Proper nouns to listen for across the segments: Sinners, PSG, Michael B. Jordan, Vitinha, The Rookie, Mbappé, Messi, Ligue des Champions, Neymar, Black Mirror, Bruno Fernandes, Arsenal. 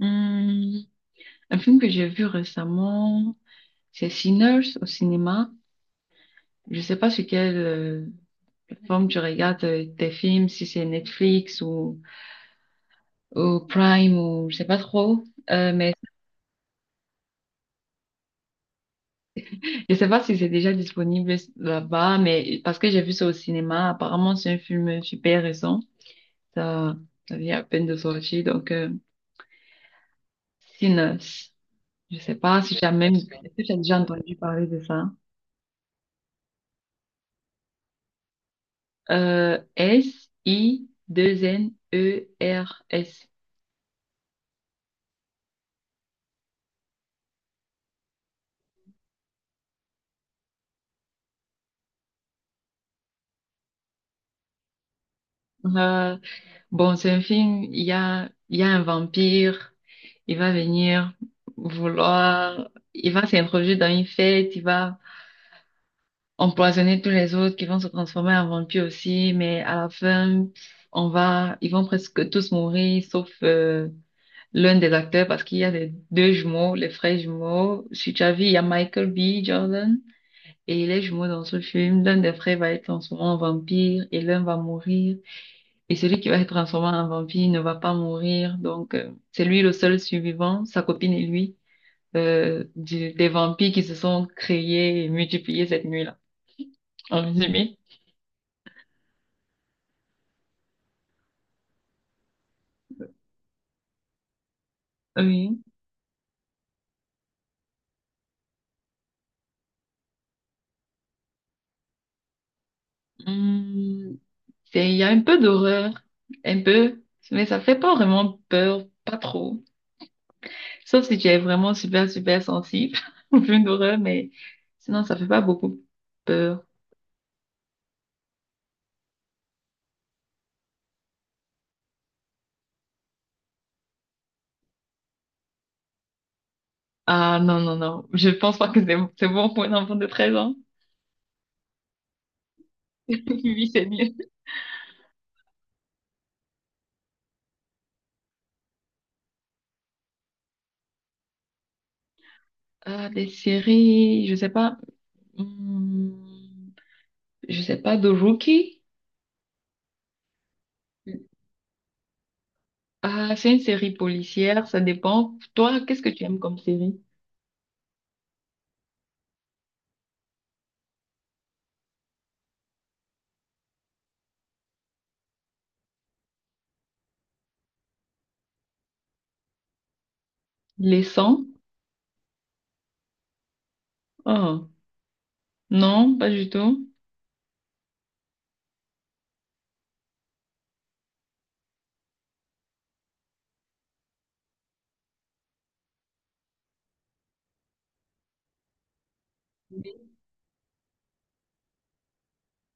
Hum, un film que j'ai vu récemment, c'est Sinners au cinéma. Je sais pas sur quelle plateforme tu regardes tes films, si c'est Netflix ou Prime ou je sais pas trop. Mais je sais pas si c'est déjà disponible là-bas, mais parce que j'ai vu ça au cinéma, apparemment c'est un film super récent. Ça, ça vient à peine de sortir, donc Sinners. Je sais pas si tu as même, est-ce que tu as déjà entendu parler de ça? S-I-2-N-E-R-S. Euh, bon, c'est un film, il y a un vampire, il va venir vouloir, il va s'introduire dans une fête, il va empoisonner tous les autres qui vont se transformer en vampires aussi, mais à la fin, ils vont presque tous mourir, sauf l'un des acteurs, parce qu'il y a les deux jumeaux, les frères jumeaux. Sur Chavi, il y a Michael B. Jordan. Et les jumeaux dans ce film, l'un des frères va être transformé en vampire et l'un va mourir. Et celui qui va être transformé en vampire ne va pas mourir. Donc, c'est lui le seul survivant, sa copine et lui, des vampires qui se sont créés et multipliés cette nuit-là. En résumé, oui. Hum, il y a un peu d'horreur, un peu, mais ça fait pas vraiment peur, pas trop. Sauf si tu es vraiment super, super sensible au film d'horreur, mais sinon, ça fait pas beaucoup peur. Ah non, non, non. Je pense pas que c'est bon pour un enfant de treize ans. Oui, c'est mieux. Ah, des séries, je sais pas. Hmm, je sais pas, de Rookie. Ah, c'est une série policière, ça dépend. Toi, qu'est-ce que tu aimes comme série? Les sangs. Oh, non, pas du tout.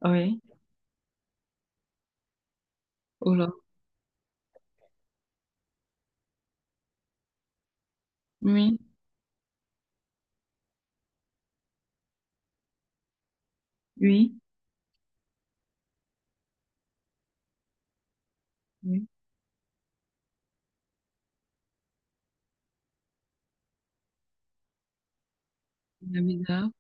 Oui. Oh là. Oui, oui, oui. C'est bizarre.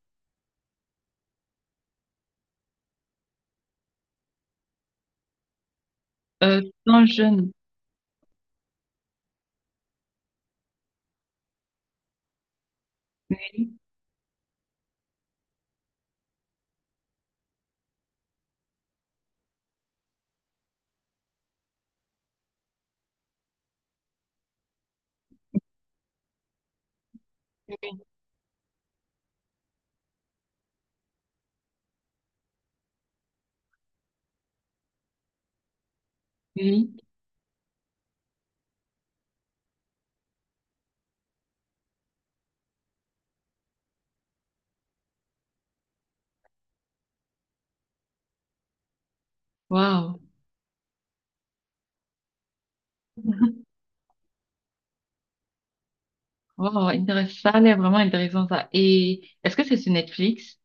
Euh, 100 jeunes. Oui, oui. Oui. Waouh. Wow, intéressant. Ça a l'air vraiment intéressant, ça. Et est-ce que c'est sur Netflix?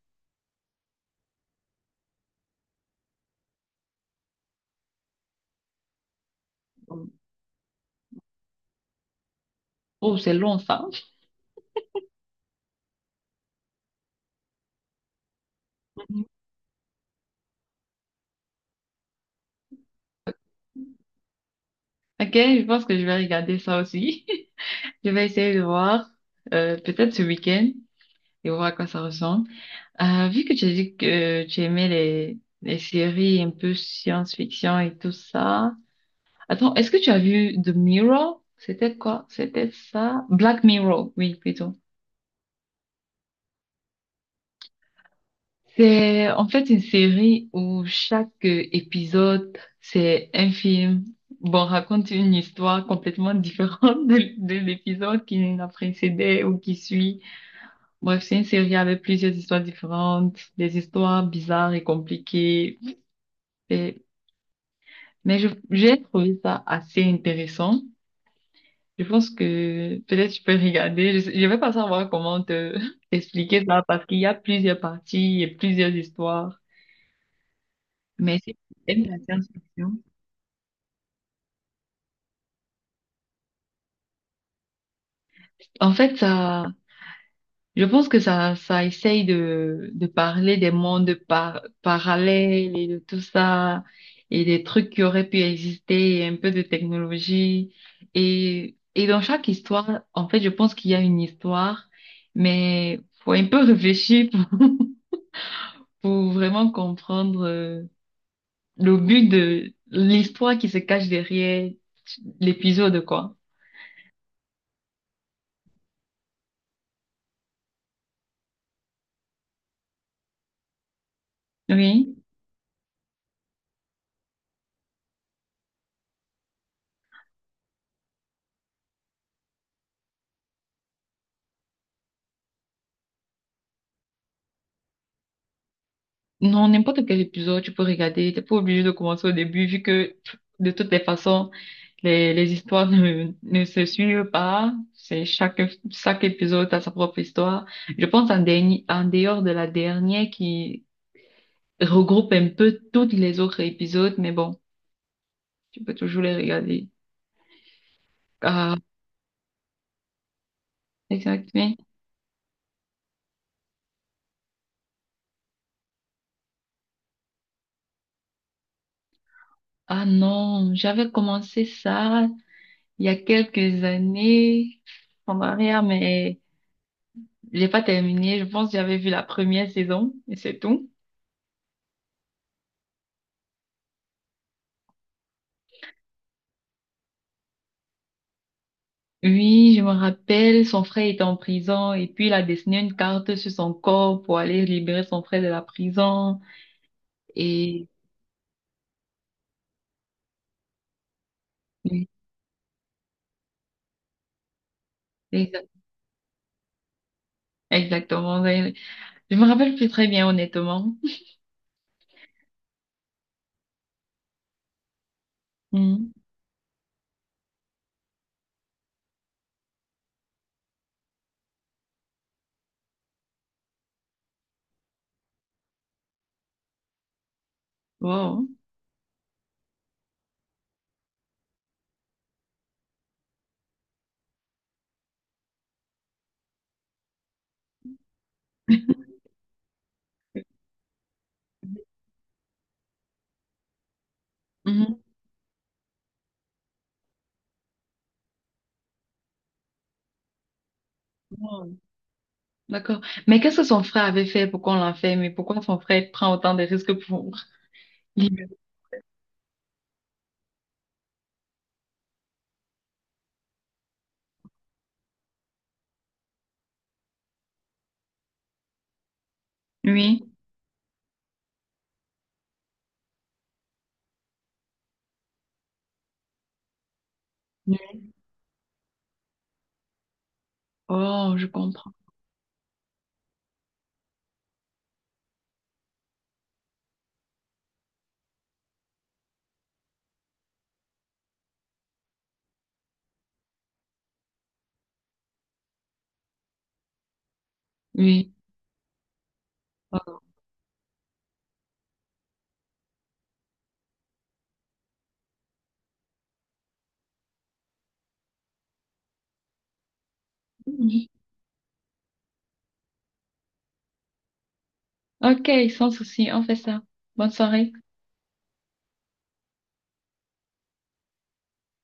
Oh, c'est long, ça. Mhm. Ok, je pense que je vais regarder ça aussi. Je vais essayer de voir, peut-être ce week-end, et voir à quoi ça ressemble. Vu que tu as dit que tu aimais les séries un peu science-fiction et tout ça. Attends, est-ce que tu as vu The Mirror? C'était quoi? C'était ça? Black Mirror, oui, plutôt. C'est en fait une série où chaque épisode, c'est un film. Bon, raconte une histoire complètement différente de l'épisode qui l'a précédé ou qui suit. Bref, c'est une série avec plusieurs histoires différentes, des histoires bizarres et compliquées. Et- mais j'ai trouvé ça assez intéressant. Je pense que peut-être tu peux regarder. Je vais pas savoir comment te t'expliquer ça parce qu'il y a plusieurs parties et plusieurs histoires. Mais si tu aimes la science-fiction, en fait, je pense que ça essaye de parler des mondes parallèles et de tout ça, et des trucs qui auraient pu exister, et un peu de technologie. Et dans chaque histoire, en fait, je pense qu'il y a une histoire, mais faut un peu réfléchir pour, pour vraiment comprendre le but de l'histoire qui se cache derrière l'épisode, quoi. Oui. Non, n'importe quel épisode, tu peux regarder. T'es pas obligé de commencer au début, vu que pff, de toutes les façons, les histoires ne se suivent pas. Chaque épisode a sa propre histoire. Je pense en dernier, en dehors de la dernière qui regroupe un peu tous les autres épisodes, mais bon, tu peux toujours les regarder. Ah, exactement. Ah non, j'avais commencé ça il y a quelques années en arrière, mais j'ai pas terminé, je pense que j'avais vu la première saison, mais c'est tout. Oui, je me rappelle, son frère était en prison et puis il a dessiné une carte sur son corps pour aller libérer son frère de la prison. Et oui, exa- exactement. Je me rappelle plus très bien, honnêtement. Mhm. Wow. Mhm. Wow. D'accord. Mais qu'est-ce que son frère avait fait pour qu'on l'enferme et pourquoi son frère prend autant de risques pour libérer? Oui. Oui. Oh, je comprends. Oui. Wow. Ok, sans souci, on fait ça. Bonne soirée.